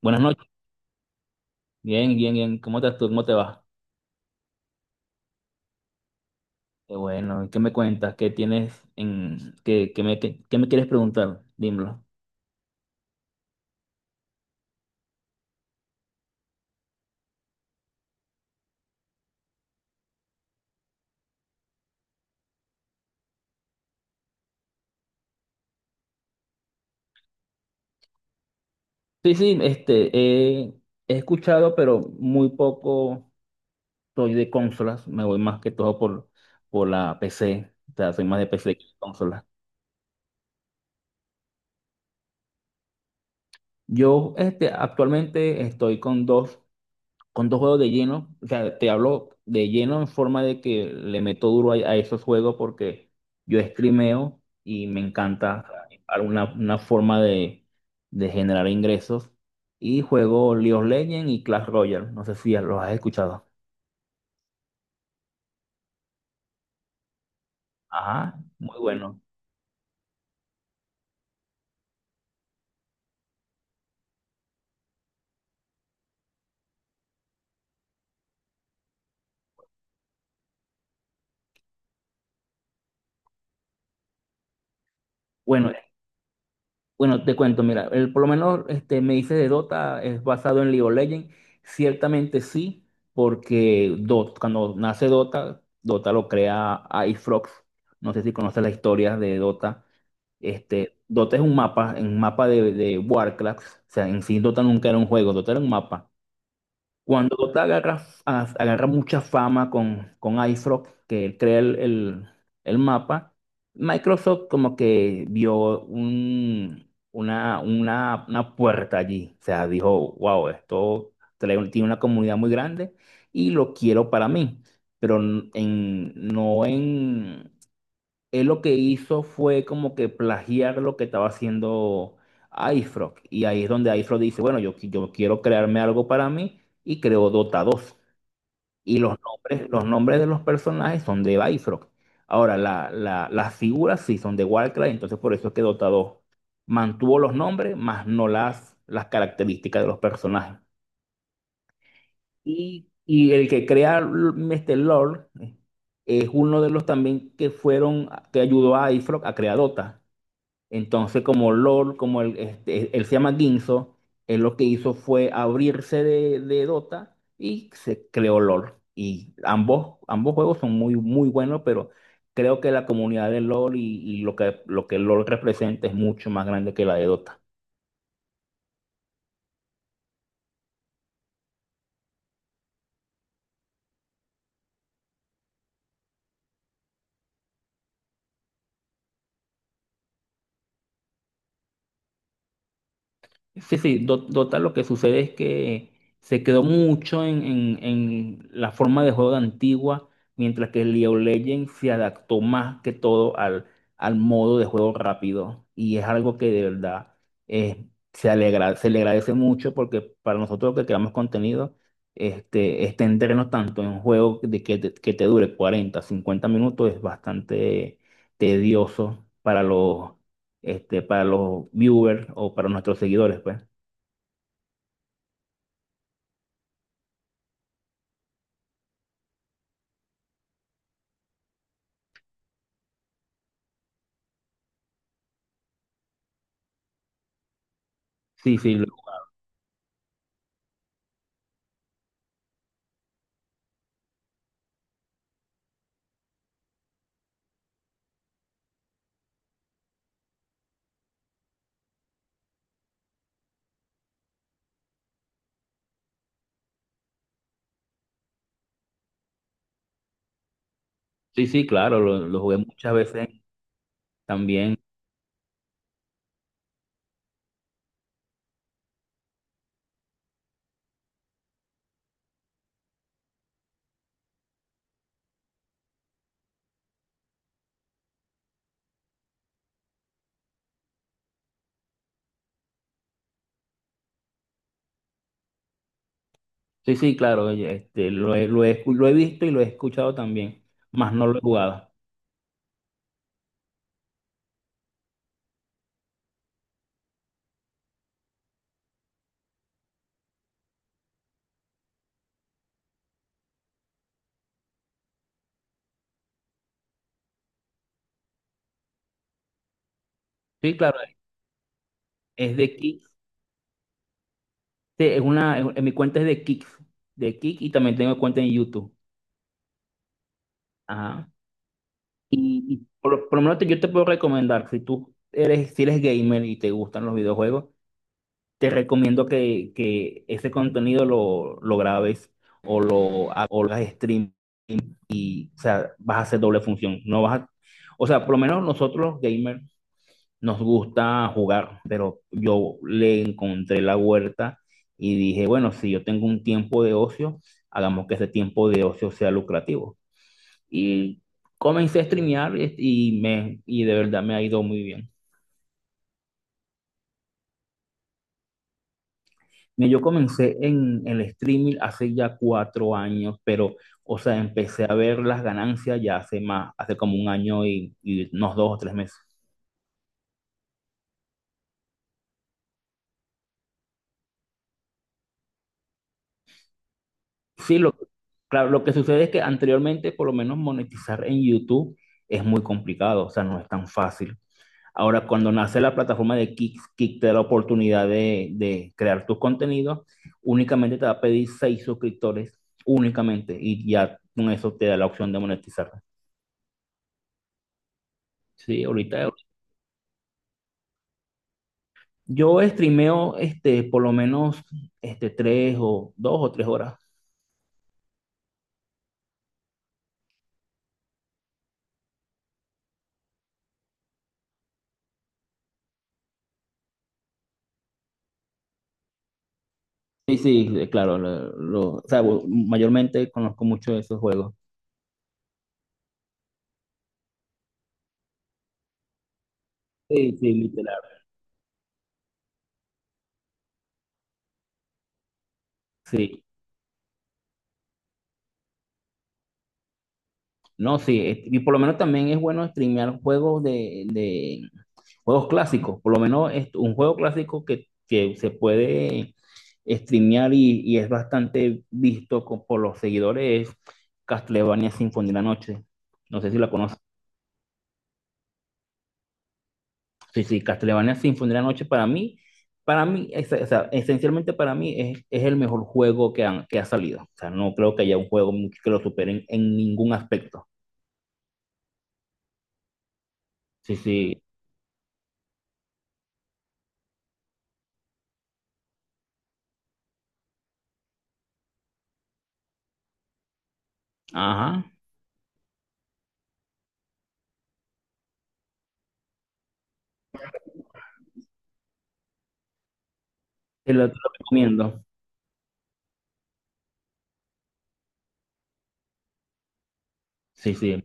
Buenas noches. Bien, bien, bien. ¿Cómo estás tú? ¿Cómo te va? Qué bueno. ¿Qué me cuentas? ¿Qué tienes en qué me quieres preguntar? Dímelo. Sí, sí, he escuchado, pero muy poco soy de consolas. Me voy más que todo por la PC. O sea, soy más de PC que de consolas. Yo, actualmente estoy con dos juegos de lleno, o sea, te hablo de lleno en forma de que le meto duro a esos juegos porque yo streameo y me encanta alguna una forma de generar ingresos. Y juego League of Legends y Clash Royale, no sé si los has escuchado. Ajá, muy bueno. Bueno, Bueno, te cuento, mira, el, por lo menos este, me dices de Dota, es basado en League of Legends. Ciertamente sí, porque Dota, cuando nace Dota, Dota lo crea Icefrog. No sé si conoces las historias de Dota. Este, Dota es un mapa de Warcraft. O sea, en sí Dota nunca era un juego, Dota era un mapa. Cuando Dota agarra, agarra mucha fama con iFrog, que él crea el el mapa. Microsoft como que vio una puerta allí. O sea, dijo, wow, tiene una comunidad muy grande y lo quiero para mí, pero n- en, no en él lo que hizo fue como que plagiar lo que estaba haciendo iFrog. Y ahí es donde iFrog dice, bueno, yo quiero crearme algo para mí y creó Dota 2. Y los nombres de los personajes son de iFrog. Ahora, las figuras sí son de Warcraft, entonces por eso es que Dota 2 mantuvo los nombres, más no las características de los personajes. Y el que crea este Lord, es uno de los también que fueron, que ayudó a iFrog a crear Dota. Entonces, como LOL, como él, este, él se llama Ginzo. Él lo que hizo fue abrirse de Dota y se creó LOL. Y ambos juegos son muy, muy buenos, pero creo que la comunidad de LOL y lo que LOL representa es mucho más grande que la de Dota. Sí, sí, Dota lo que sucede es que se quedó mucho en la forma de juego de antigua, mientras que League of Legends se adaptó más que todo al modo de juego rápido. Y es algo que de verdad eh, se alegra, se le agradece mucho porque para nosotros que creamos contenido, este, extendernos tanto en un juego de que te dure 40 50 minutos es bastante tedioso para este, para los viewers o para nuestros seguidores, pues. Sí, sí, lo- sí, sí, claro, lo jugué muchas veces también. Sí, sí, claro, oye, este, lo he visto y lo he escuchado también, más no lo he jugado. Sí, claro, es de Kick, sí, es una, en mi cuenta es de Kick y también tengo cuenta en YouTube. Ajá. Y por lo menos yo te puedo recomendar, si tú eres, si eres gamer y te gustan los videojuegos, te recomiendo que ese contenido lo grabes o lo hagas stream, o sea, vas a hacer doble función. No vas a, O sea, por lo menos nosotros los gamers nos gusta jugar, pero yo le encontré la huerta y dije, bueno, si yo tengo un tiempo de ocio, hagamos que ese tiempo de ocio sea lucrativo. Y comencé a streamear y de verdad me ha ido muy bien. Mira, yo comencé en el streaming hace ya 4 años, pero, o sea, empecé a ver las ganancias ya hace como un año y unos 2 o 3 meses. Sí, claro, lo que sucede es que anteriormente, por lo menos monetizar en YouTube es muy complicado, o sea, no es tan fácil. Ahora, cuando nace la plataforma de Kick, Kick te da la oportunidad de crear tus contenidos, únicamente te va a pedir 6 suscriptores, únicamente, y ya con eso te da la opción de monetizar. Sí, ahorita yo streameo este, por lo menos este, tres o 2 o 3 horas. Sí, sí, claro, o sea, mayormente conozco mucho de esos juegos. Sí, sí, literal. Sí, no, y por lo menos también es bueno streamear juegos de juegos clásicos, por lo menos es un juego clásico que se puede streamear y es bastante visto por los seguidores es Castlevania Symphony de la Noche. No sé si la conoces. Sí, sí, Castlevania Symphony de la Noche para mí, o sea, esencialmente para mí es el mejor juego que ha salido. O sea, no creo que haya un juego que lo supere en ningún aspecto. Sí, sí, ajá. Te lo recomiendo. Sí, sí,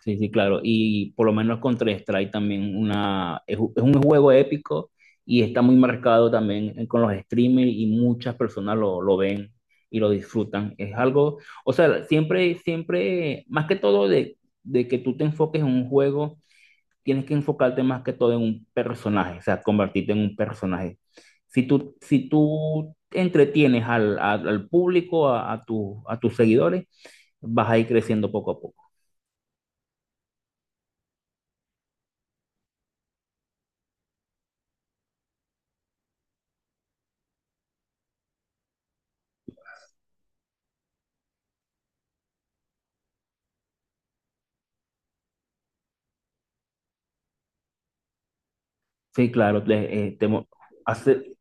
sí, claro. Y por lo menos Counter-Strike también es un juego épico y está muy marcado también con los streamers y muchas personas lo ven y lo disfrutan. Es algo, o sea, siempre, más que todo de que tú te enfoques en un juego, tienes que enfocarte más que todo en un personaje, o sea, convertirte en un personaje. Si tú entretienes al público, a a tus seguidores, vas a ir creciendo poco a poco. Sí, claro, hace,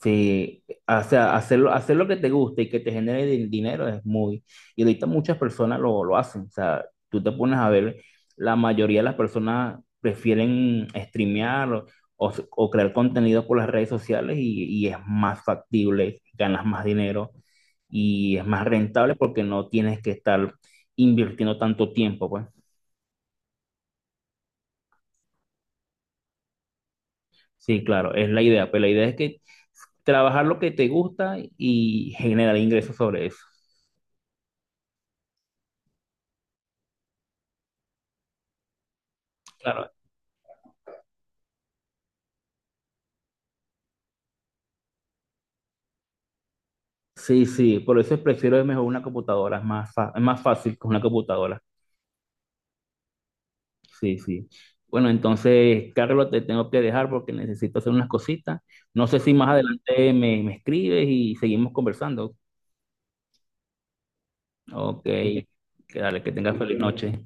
sí, o sea, hacer lo que te guste y que te genere dinero es muy... Y ahorita muchas personas lo hacen, o sea, tú te pones a ver, la mayoría de las personas prefieren streamear o crear contenido por las redes sociales y es más factible, ganas más dinero y es más rentable porque no tienes que estar invirtiendo tanto tiempo, pues. Sí, claro, es la idea, pero la idea es que trabajar lo que te gusta y generar ingresos sobre eso. Claro, sí, sí, por eso prefiero mejor una computadora, es es más fácil con una computadora. Sí, sí. Bueno, entonces, Carlos, te tengo que dejar porque necesito hacer unas cositas. No sé si más adelante me escribes y seguimos conversando. Ok, que tengas feliz noche.